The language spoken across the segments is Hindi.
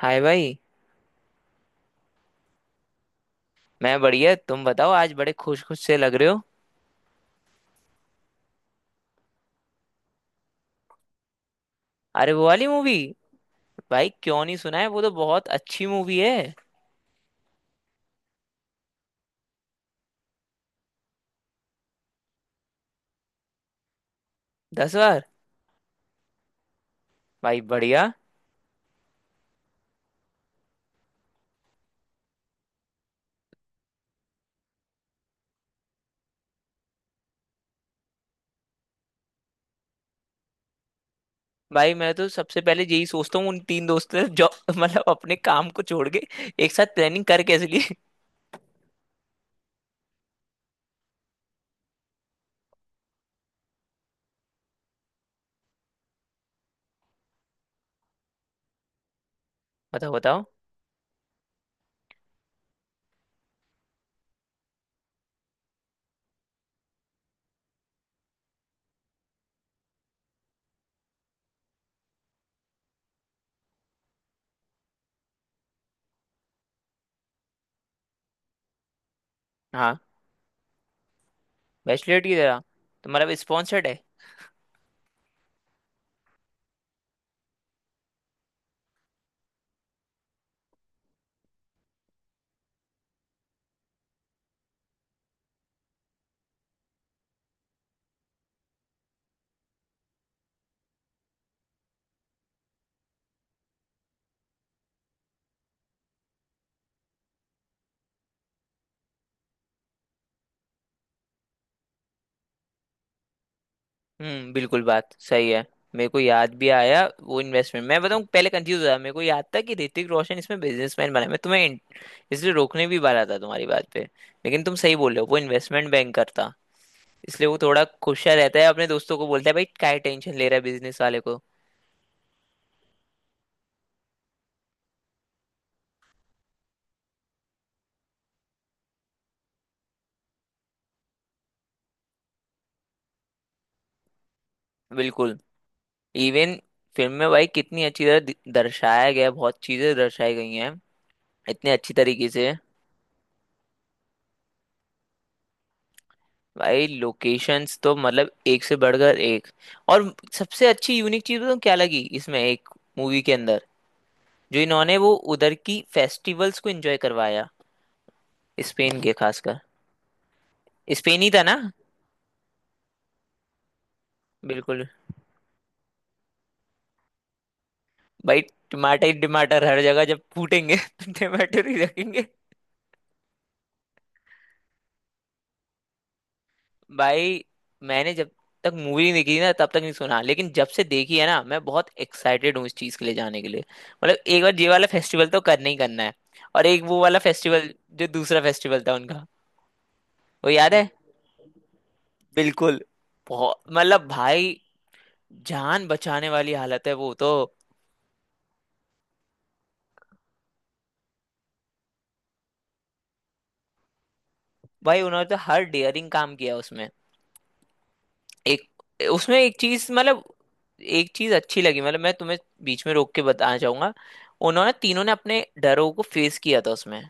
हाय भाई। मैं बढ़िया, तुम बताओ। आज बड़े खुश खुश से लग रहे हो। अरे वो वाली मूवी। भाई क्यों नहीं सुना है, वो तो बहुत अच्छी मूवी है। 10 बार? भाई बढ़िया। भाई मैं तो सबसे पहले यही सोचता हूँ उन तीन दोस्तों ने जो मतलब अपने काम को छोड़ के एक साथ प्लानिंग कर कैसे लिए। बताओ बताओ। हाँ, बैचलर की तरह। तुम्हारा भी स्पॉन्सर्ड है? हम्म, बिल्कुल बात सही है। मेरे को याद भी आया वो इन्वेस्टमेंट। मैं बताऊं, पहले कंफ्यूज हुआ, मेरे को याद था कि ऋतिक रोशन इसमें बिजनेसमैन बना है। मैं तुम्हें इसलिए रोकने भी वाला था तुम्हारी बात पे, लेकिन तुम सही बोल रहे हो, वो इन्वेस्टमेंट बैंकर था। इसलिए वो थोड़ा खुशा रहता है, अपने दोस्तों को बोलता है भाई क्या टेंशन ले रहा है बिजनेस वाले को। बिल्कुल। इवन फिल्म में भाई कितनी अच्छी तरह दर्शाया गया है, बहुत चीजें दर्शाई गई हैं इतने अच्छी तरीके से। भाई लोकेशंस तो मतलब एक से बढ़कर एक। और सबसे अच्छी यूनिक चीज तो क्या लगी इसमें एक मूवी के अंदर जो इन्होंने वो उधर की फेस्टिवल्स को एंजॉय करवाया। स्पेन के खासकर। स्पेन ही था ना। बिल्कुल। भाई टमाटर ही टमाटर हर जगह जब फूटेंगे तो टमाटर ही रखेंगे। भाई मैंने जब तक मूवी नहीं देखी ना तब तक नहीं सुना, लेकिन जब से देखी है ना मैं बहुत एक्साइटेड हूँ इस चीज के लिए, जाने के लिए। मतलब एक बार ये वाला फेस्टिवल तो करना ही करना है। और एक वो वाला फेस्टिवल, जो दूसरा फेस्टिवल था उनका। वो याद है। बिल्कुल। बहुत, मतलब भाई जान बचाने वाली हालत है वो तो। भाई उन्होंने तो हर डेयरिंग काम किया उसमें। एक उसमें एक चीज, मतलब एक चीज अच्छी लगी, मतलब मैं तुम्हें बीच में रोक के बताना चाहूंगा, उन्होंने तीनों ने अपने डरों को फेस किया था उसमें।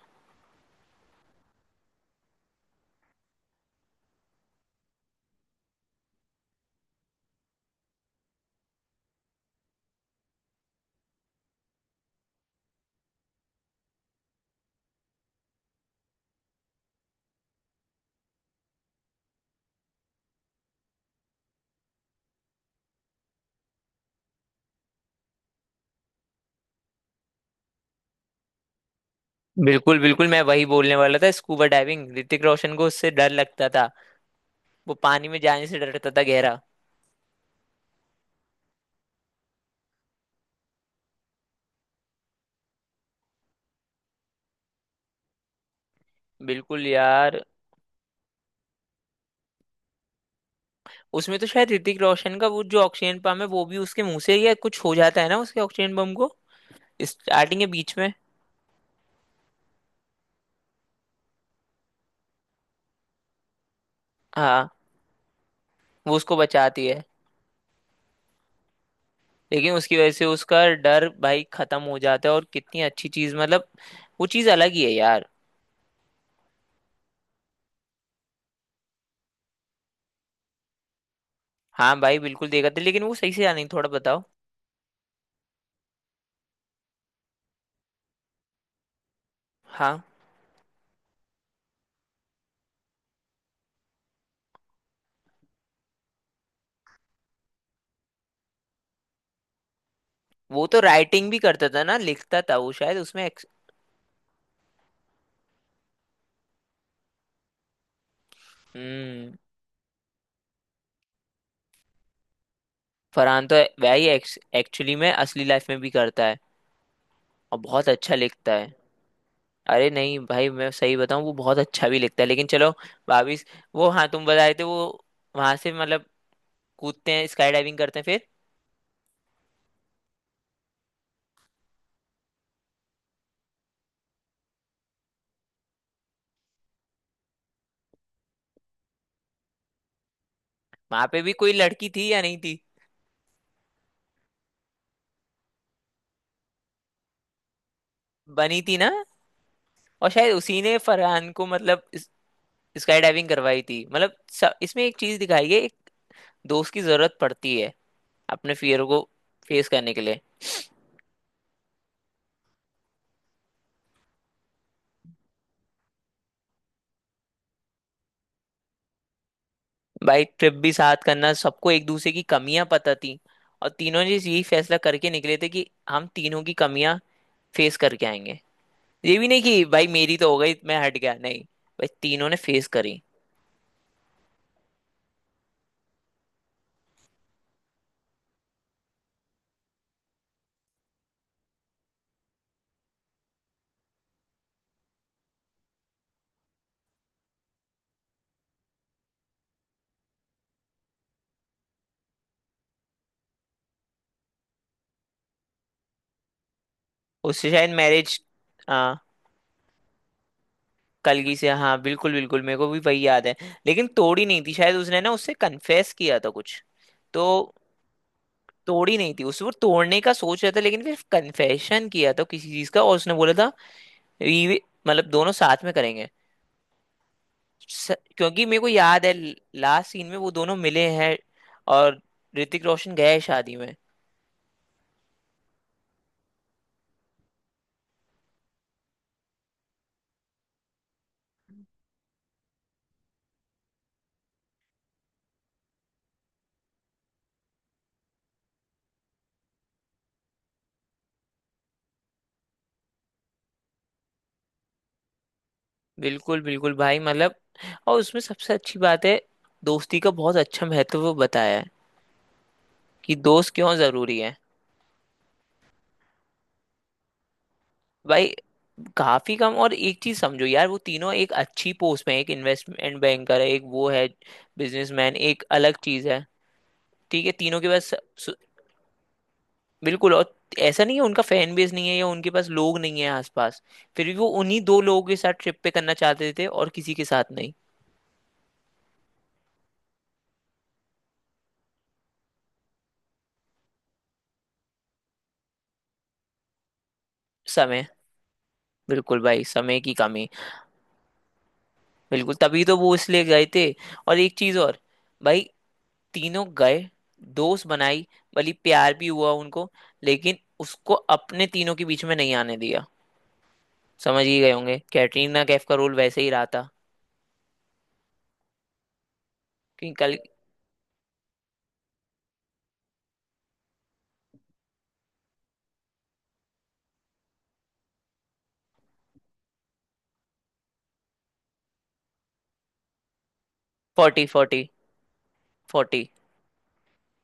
बिल्कुल बिल्कुल, मैं वही बोलने वाला था, स्कूबा डाइविंग, ऋतिक रोशन को उससे डर लगता था। वो पानी में जाने से डरता था, गहरा। बिल्कुल यार। उसमें तो शायद ऋतिक रोशन का वो जो ऑक्सीजन पंप है वो भी उसके मुंह से ही या कुछ हो जाता है ना, उसके ऑक्सीजन पंप को, स्टार्टिंग के बीच में। हाँ। वो उसको बचाती है। लेकिन उसकी वजह से उसका डर भाई खत्म हो जाता है और कितनी अच्छी चीज, मतलब वो चीज अलग ही है यार। हाँ भाई बिल्कुल देखा था, लेकिन वो सही से याद नहीं, थोड़ा बताओ। हाँ। वो तो राइटिंग भी करता था ना, लिखता था वो शायद उसमें। हम्म। फरहान तो भाई एक्चुअली में असली लाइफ में भी करता है, और बहुत अच्छा लिखता है। अरे नहीं भाई, मैं सही बताऊं वो बहुत अच्छा भी लिखता है। लेकिन चलो भाभी, वो हाँ, तुम बताए थे वो वहां से मतलब कूदते हैं, स्काई डाइविंग करते हैं फिर। वहां पे भी कोई लड़की थी या नहीं थी? बनी थी ना। और शायद उसी ने फरहान को, मतलब स्काई डाइविंग करवाई थी। मतलब इसमें एक चीज दिखाई है, एक दोस्त की जरूरत पड़ती है अपने फियर को फेस करने के लिए। भाई ट्रिप भी साथ करना, सबको एक दूसरे की कमियां पता थी। और तीनों ने यही फैसला करके निकले थे कि हम तीनों की कमियां फेस करके आएंगे। ये भी नहीं कि भाई मेरी तो हो गई मैं हट गया, नहीं। भाई तीनों ने फेस करी। उससे शायद मैरिज। हाँ, कलगी से। हाँ बिल्कुल बिल्कुल, मेरे को भी वही याद है। लेकिन तोड़ी नहीं थी शायद, उसने ना उससे कन्फेस किया था कुछ। तो तोड़ी नहीं थी, उसको तोड़ने का सोच रहा था, लेकिन फिर कन्फेशन किया था किसी चीज का, और उसने बोला था ये मतलब दोनों साथ में करेंगे। क्योंकि मेरे को याद है लास्ट सीन में वो दोनों मिले हैं, और ऋतिक रोशन गया है शादी में। बिल्कुल बिल्कुल भाई, मतलब और उसमें सबसे अच्छी बात है दोस्ती का बहुत अच्छा महत्व वो बताया है, कि दोस्त क्यों जरूरी है। भाई काफी कम। और एक चीज समझो यार, वो तीनों एक अच्छी पोस्ट में है, एक इन्वेस्टमेंट बैंकर है, एक वो है बिजनेसमैन, एक अलग चीज है। ठीक है, तीनों के पास। बिल्कुल। और ऐसा नहीं है उनका फैन बेस नहीं है या उनके पास लोग नहीं है आसपास, फिर भी वो उन्हीं दो लोगों के साथ ट्रिप पे करना चाहते थे और किसी के साथ नहीं। समय। बिल्कुल भाई, समय की कमी। बिल्कुल, तभी तो वो इसलिए गए थे। और एक चीज और, भाई तीनों गए, दोस्त बनाई, भली प्यार भी हुआ उनको, लेकिन उसको अपने तीनों के बीच में नहीं आने दिया। समझ ही गए होंगे, कैटरीना कैफ का रोल वैसे ही रहा था। कि कल। 40 40। 40।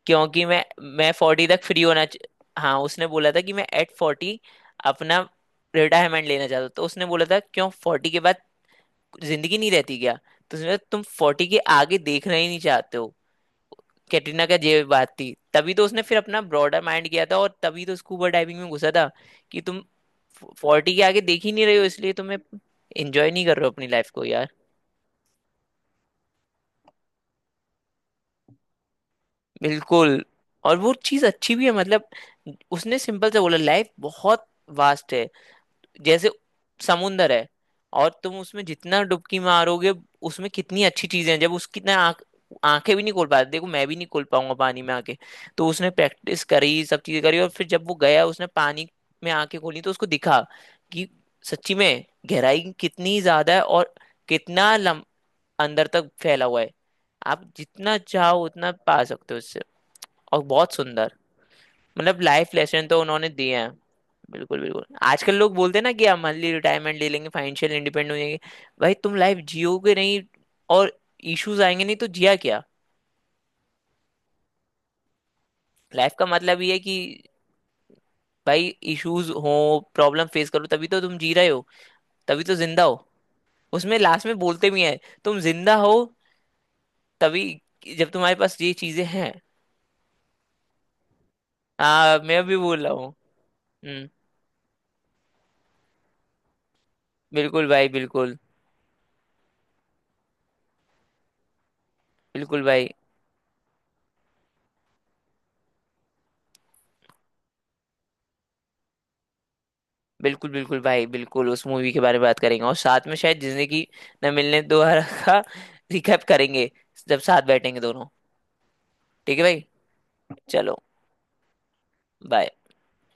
क्योंकि मैं 40 तक फ्री होना हाँ उसने बोला था कि मैं at 40 अपना रिटायरमेंट लेना चाहता हूँ, तो उसने बोला था क्यों, 40 के बाद जिंदगी नहीं रहती क्या? तो उसने बोला, तुम 40 के आगे देखना ही नहीं चाहते हो। कैटरीना का ये बात थी, तभी तो उसने फिर अपना ब्रॉडर माइंड किया था, और तभी तो स्कूबा डाइविंग में घुसा था। कि तुम 40 के आगे देख ही नहीं रहे हो इसलिए तुम्हें एंजॉय नहीं कर रहे हो अपनी लाइफ को यार। बिल्कुल। और वो चीज़ अच्छी भी है, मतलब उसने सिंपल से बोला लाइफ बहुत वास्ट है, जैसे समुंदर है। और तुम उसमें जितना डुबकी मारोगे, उसमें कितनी अच्छी चीजें हैं। जब उसकी ना आंख, आंखें भी नहीं खोल पाते, देखो मैं भी नहीं खोल पाऊंगा पानी में आके, तो उसने प्रैक्टिस करी, सब चीजें करी, और फिर जब वो गया उसने पानी में आंखें खोली तो उसको दिखा कि सच्ची में गहराई कितनी ज्यादा है, और कितना अंदर तक फैला हुआ है। आप जितना चाहो उतना पा सकते हो उससे, और बहुत सुंदर। मतलब लाइफ लेसन तो उन्होंने दिए हैं। बिल्कुल बिल्कुल, आजकल लोग बोलते हैं ना कि हम अर्ली रिटायरमेंट ले लेंगे, फाइनेंशियल इंडिपेंडेंट हो जाएंगे। भाई तुम लाइफ जियोगे नहीं, और इश्यूज आएंगे नहीं तो जिया क्या। लाइफ का मतलब ये है कि भाई इश्यूज हो, प्रॉब्लम फेस करो, तभी तो तुम जी रहे हो, तभी तो जिंदा हो। उसमें लास्ट में बोलते भी हैं, तुम जिंदा हो तभी जब तुम्हारे पास ये चीजें हैं। हाँ मैं भी बोल रहा हूँ। हम्म। बिल्कुल भाई बिल्कुल। बिल्कुल भाई बिल्कुल। बिल्कुल भाई बिल्कुल उस मूवी के बारे में बात करेंगे, और साथ में शायद जिंदगी न मिलने दोबारा का रिकैप करेंगे, जब साथ बैठेंगे दोनों। ठीक है भाई, चलो। बाय।